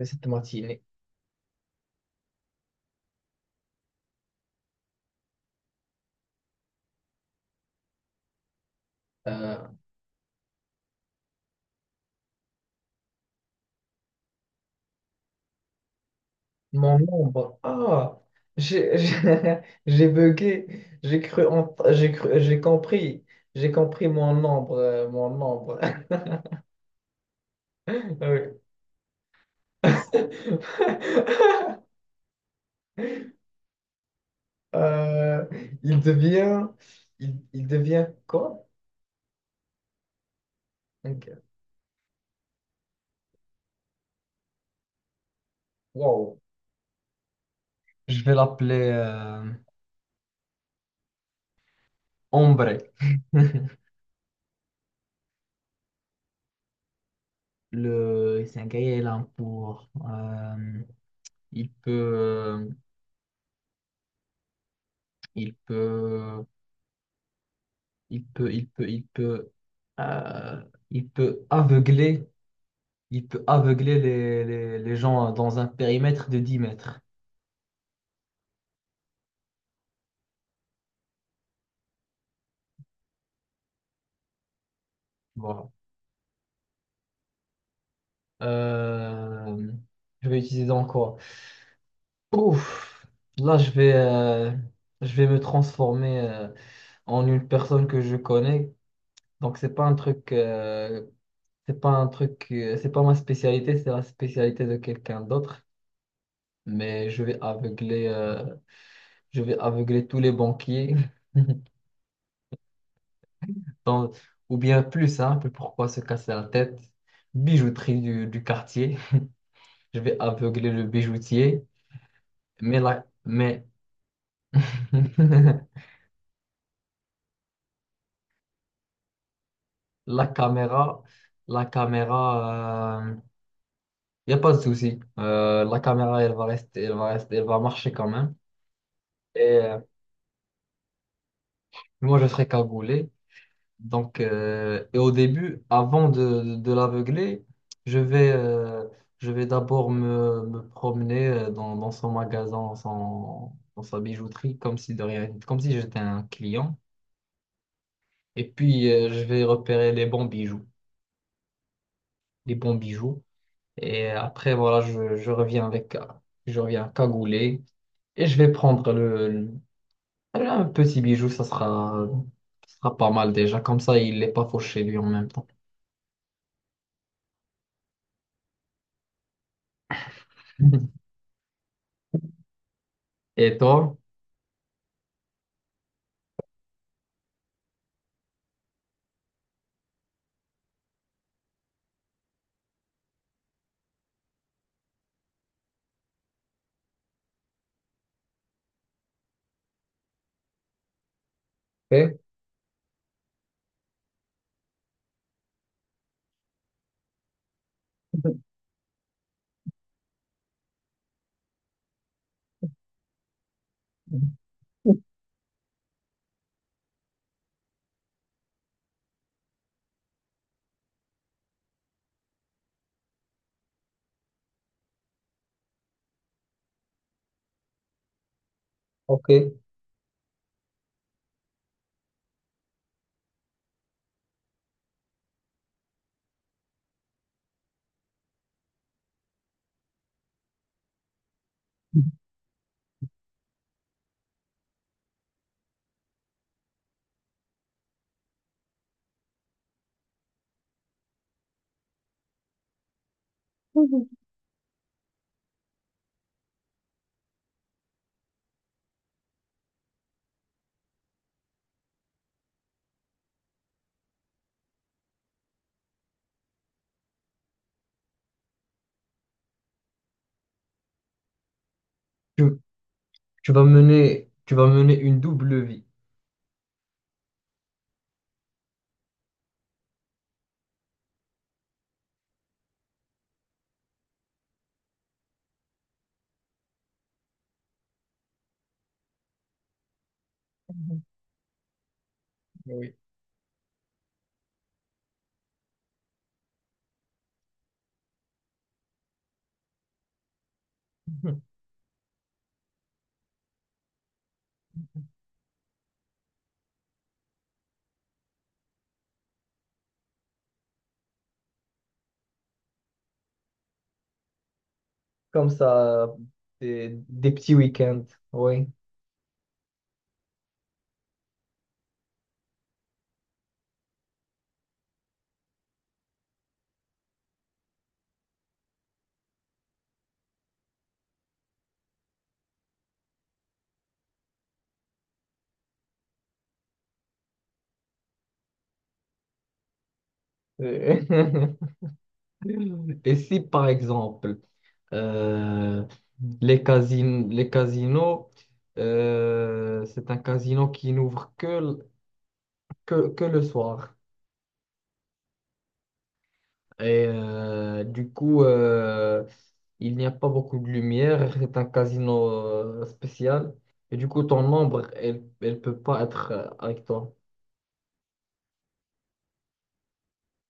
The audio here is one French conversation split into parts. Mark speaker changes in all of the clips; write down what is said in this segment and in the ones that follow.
Speaker 1: De cette matinée. Euh, Mon ombre. Ah, j'ai j'ai bugué. J'ai cru, j'ai compris. J'ai compris mon ombre, mon ombre. Oui. Euh, il devient, il devient quoi? Ok. Wow. Je vais l'appeler Ombre. C'est un gars il gaillard pour, il peut, il peut il peut, euh, il peut aveugler, il peut aveugler les gens dans un périmètre de 10 mètres. Voilà. Euh, je vais utiliser dans quoi? Ouf, là, je vais me transformer en une personne que je connais. Donc, c'est pas un truc, c'est pas ma spécialité, c'est la spécialité de quelqu'un d'autre. Mais je vais aveugler tous les banquiers. dans- ou bien plus simple, pourquoi se casser la tête? Bijouterie du quartier. Je vais aveugler le bijoutier. Mais la caméra, la caméra, il n'y a pas de souci. La caméra, elle va rester, elle va marcher quand même. Et euh, Moi, je serai cagoulé. Donc, et au début, de l'aveugler, je vais, euh, je vais d'abord me promener dans, dans son magasin, dans sa bijouterie, comme si de rien, comme si j'étais un client. Et puis, je vais repérer les bons bijoux, les bons bijoux. Et après, voilà, je reviens avec, je reviens cagoulé et je vais prendre un petit bijou, ça sera pas mal déjà. Comme ça, il n'est pas fauché lui en même temps. Et toi? Ok. Ok. Tu, tu vas mener une double vie. Oui. Comme ça, des petits week-ends. Oui. Euh, Et si, par exemple, euh, les casinos, c'est un casino qui n'ouvre que, que le soir. Et euh, du coup, euh, il n'y a pas beaucoup de lumière. C'est un casino spécial. Et du coup, ton ombre, elle ne peut pas être avec toi.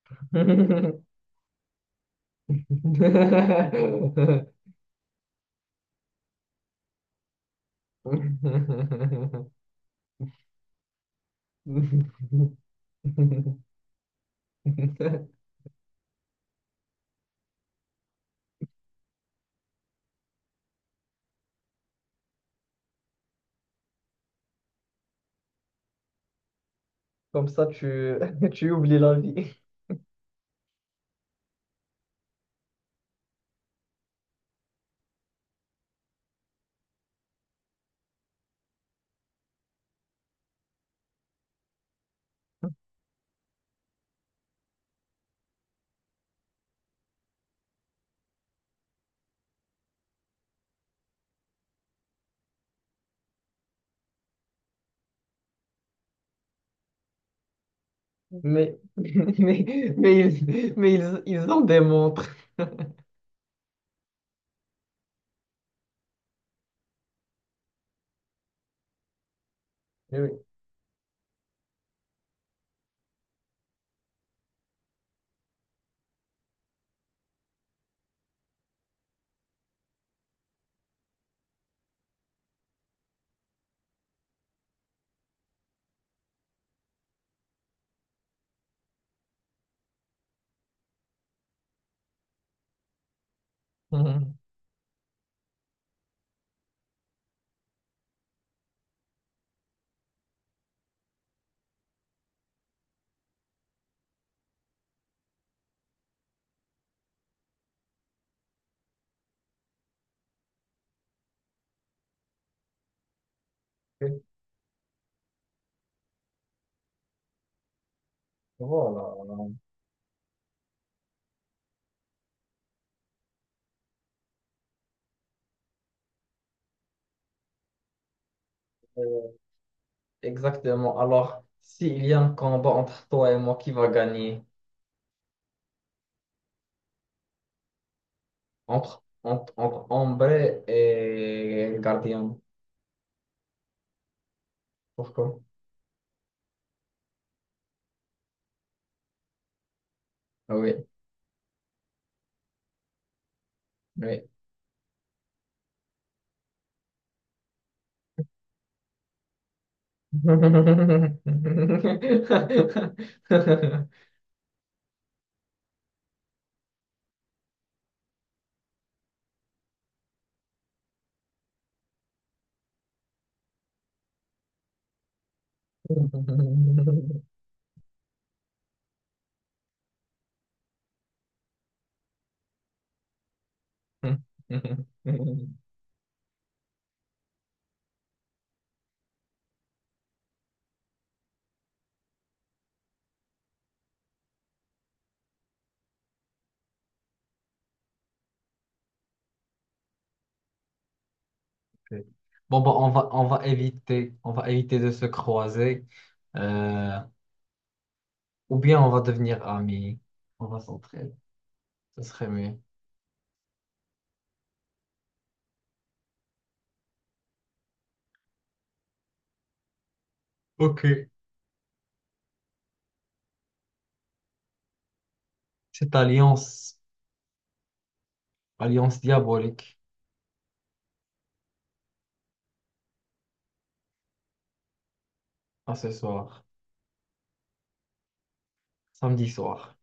Speaker 1: Comme ça, tu, tu oublies la vie. Mais, ils en démontrent. Oui. Voilà. Exactement. Alors, s'il y a un combat entre toi et moi, qui va gagner? Entre Ambre et le Gardien. Pourquoi? Ah, oui, oui. Bon, bah, on va éviter de se croiser. euh, ou bien on va devenir amis. On va s'entraider. Ce serait mieux. Ok. Cette alliance, alliance diabolique. Ah, ce soir, samedi soir.